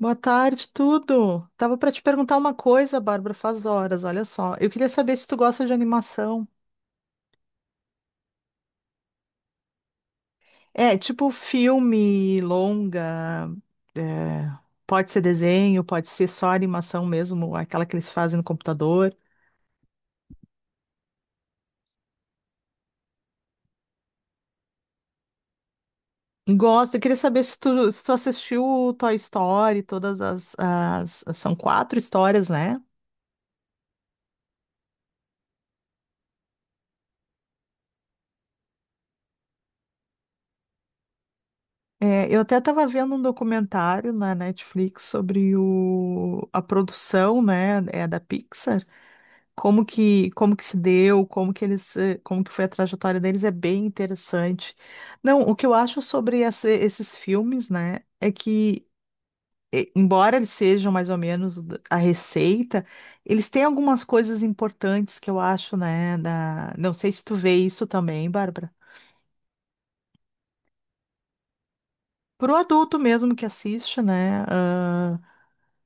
Boa tarde, tudo. Tava para te perguntar uma coisa, Bárbara, faz horas, olha só. Eu queria saber se tu gosta de animação. É, tipo filme, longa, é, pode ser desenho, pode ser só animação mesmo, aquela que eles fazem no computador. Gosto, eu queria saber se tu, se tu assistiu o Toy Story, todas as, as- são quatro histórias, né? É, eu até estava vendo um documentário na Netflix sobre o, a produção, né, da Pixar. Como que se deu, como que eles, como que foi a trajetória deles é bem interessante. Não, o que eu acho sobre essa- esses filmes, né, é que embora eles sejam mais ou menos d- a receita, eles têm algumas coisas importantes que eu acho, né, da... Não sei se tu vê isso também, Bárbara. Pro adulto mesmo que assiste, né?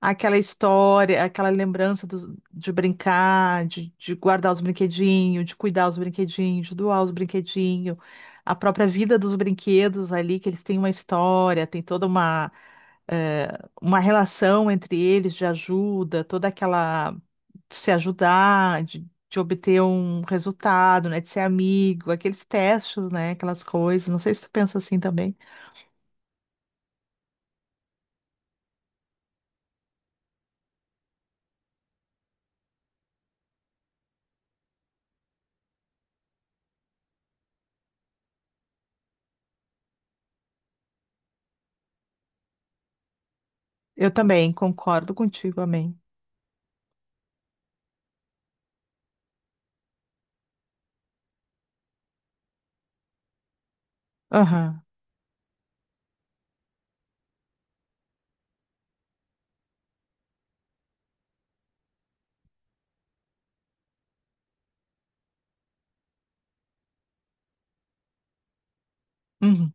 Aquela história, aquela lembrança dos- de brincar, de guardar os brinquedinhos, de cuidar os brinquedinhos, de doar os brinquedinhos, a própria vida dos brinquedos ali, que eles têm uma história, tem toda uma, eh, uma relação entre eles de ajuda, toda aquela de se ajudar, de obter um resultado, né, de ser amigo, aqueles testes, né, aquelas coisas. Não sei se tu pensa assim também. Eu também concordo contigo, amém. Aham. Uhum.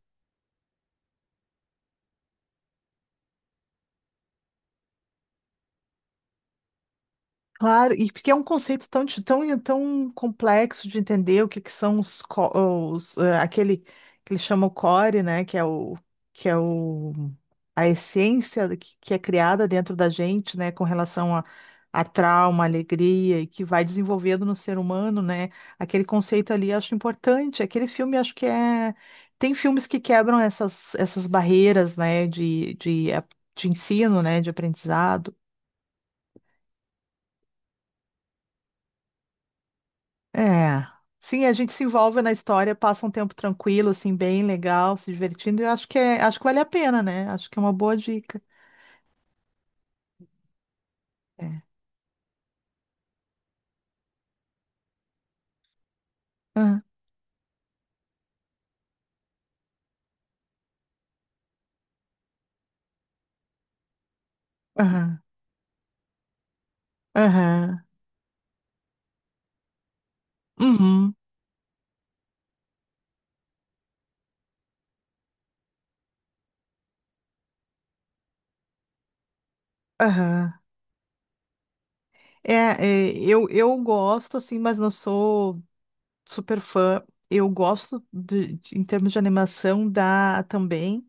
Claro, e porque é um conceito tão, di- tão, tão complexo de entender o que, que são os, co- os, aquele que eles chamam o core, né? Que é o a essência do que é criada dentro da gente, né? Com relação a trauma, alegria e que vai desenvolvendo no ser humano, né? Aquele conceito ali eu acho importante. Aquele filme acho que é tem filmes que quebram essas barreiras, né? De, de ensino, né? De aprendizado. É. Sim, a gente se envolve na história, passa um tempo tranquilo, assim, bem legal, se divertindo. Eu acho que é, acho que vale a pena, né? Acho que é uma boa dica. É. Aham, aham, aham, uhum, aham. É, é, eu gosto, assim, mas não sou super fã. Eu gosto de- em termos de animação da também,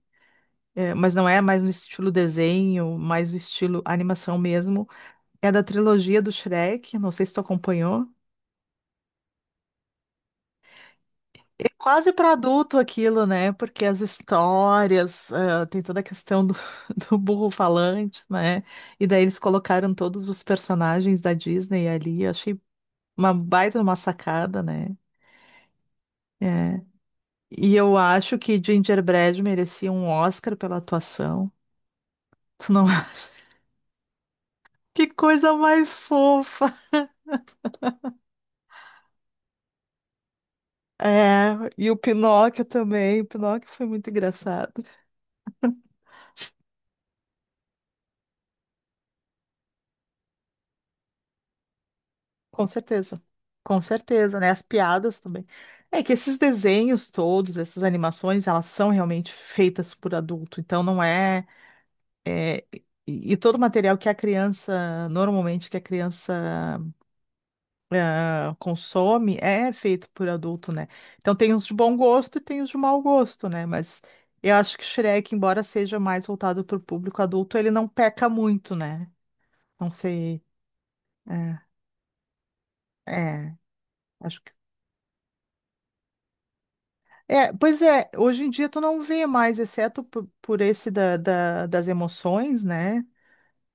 é, mas não é mais no estilo desenho, mais no estilo animação mesmo. É da trilogia do Shrek, não sei se tu acompanhou. Quase para adulto aquilo, né? Porque as histórias, tem toda a questão do, do burro falante, né? E daí eles colocaram todos os personagens da Disney ali. Eu achei uma baita de uma sacada, né? É. E eu acho que Gingerbread merecia um Oscar pela atuação. Tu não acha? Que coisa mais fofa! É, e o Pinóquio também. O Pinóquio foi muito engraçado. Com certeza, com certeza, né? As piadas também. É que esses desenhos todos, essas animações, elas são realmente feitas por adulto, então não é, é, e todo o material que a criança, normalmente que a criança consome, é feito por adulto, né? Então tem os de bom gosto e tem os de mau gosto, né? Mas eu acho que Shrek, embora seja mais voltado para o público adulto, ele não peca muito, né? Não sei. É, é, acho que é, pois é, hoje em dia tu não vê mais, exceto po- por, esse da, da- das emoções, né?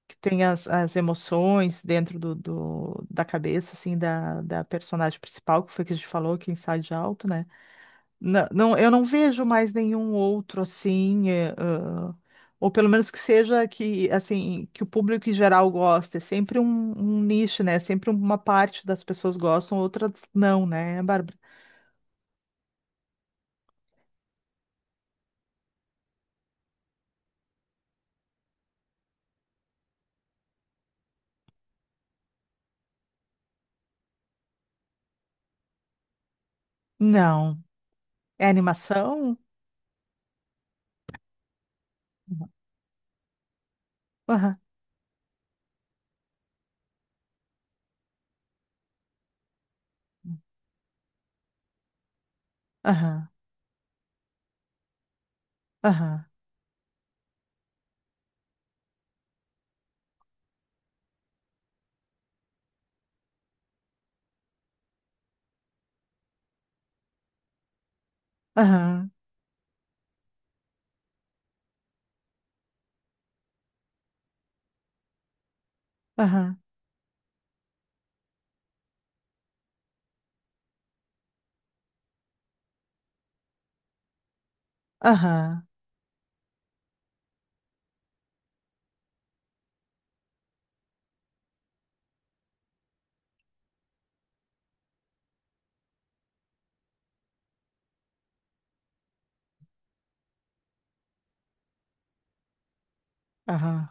Que tem as, as emoções dentro do, do- da cabeça, assim, da, da personagem principal, que foi que a gente falou, que é Inside Out, né? Não, não- eu não vejo mais nenhum outro, assim, é, ou pelo menos que seja que, assim, que o público em geral gosta. É sempre um, um nicho, né? Sempre uma parte das pessoas gostam, outras não, né, Bárbara? Não. É animação? Aham, aham, aham, aham, aham, aham,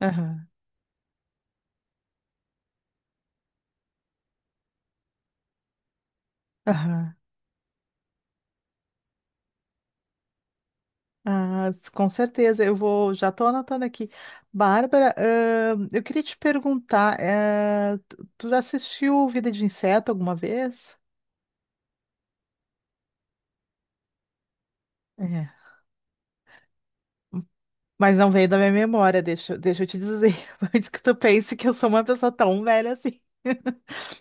aham, aham. Ah, com certeza, eu vou, já estou anotando aqui. Bárbara, eu queria te perguntar, tu já assistiu Vida de Inseto alguma vez? É. Mas não veio da minha memória, deixa eu te dizer, antes que tu pense que eu sou uma pessoa tão velha assim.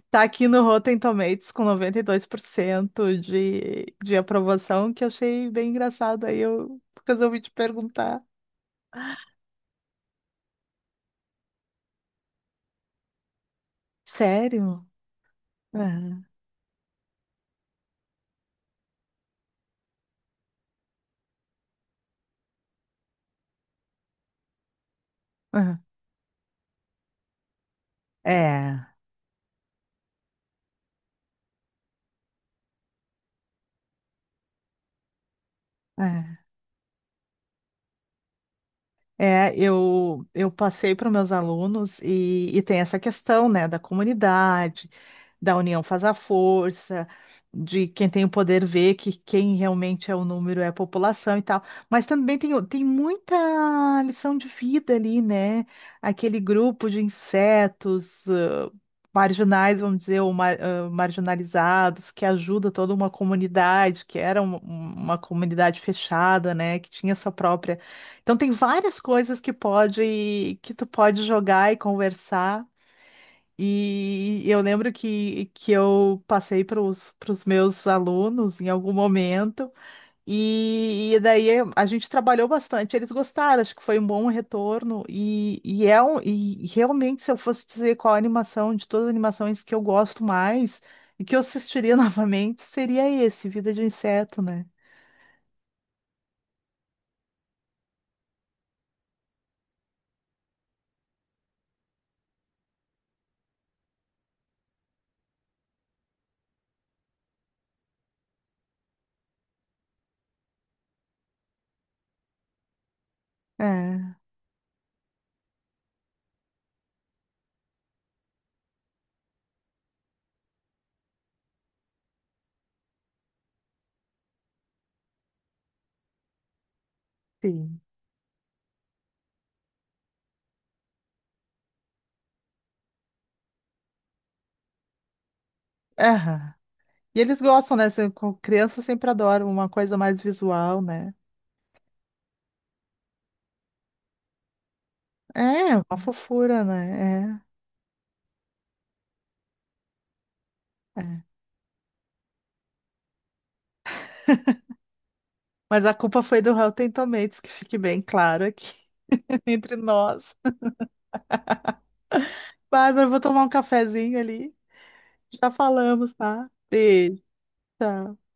Tá aqui no Rotten Tomatoes com 92% de aprovação, que eu achei bem engraçado. Aí eu resolvi te perguntar. Sério? É, é, é. É, eu passei para meus alunos e tem essa questão, né, da comunidade. Da união faz a força, de quem tem o poder ver que quem realmente é o número é a população e tal. Mas também tem, o- tem muita lição de vida ali, né? Aquele grupo de insetos, marginais, vamos dizer, ou mar- marginalizados, que ajuda toda uma comunidade, que era um- um, uma comunidade fechada, né? Que tinha sua própria. Então tem várias coisas que pode, que tu pode jogar e conversar. E eu lembro que eu passei para os meus alunos em algum momento, e daí a gente trabalhou bastante. Eles gostaram, acho que foi um bom retorno. E, é um, e realmente, se eu fosse dizer qual a animação de todas as animações que eu gosto mais e que eu assistiria novamente, seria esse, Vida de Inseto, né? É, sim. Aham. E eles gostam, né? Se- com crianças sempre adoram uma coisa mais visual, né? É, uma fofura, né? É. É. Mas a culpa foi do Rotten Tomatoes, que fique bem claro aqui entre nós. Bárbara, eu vou tomar um cafezinho ali. Já falamos, tá? Beijo. Tchau.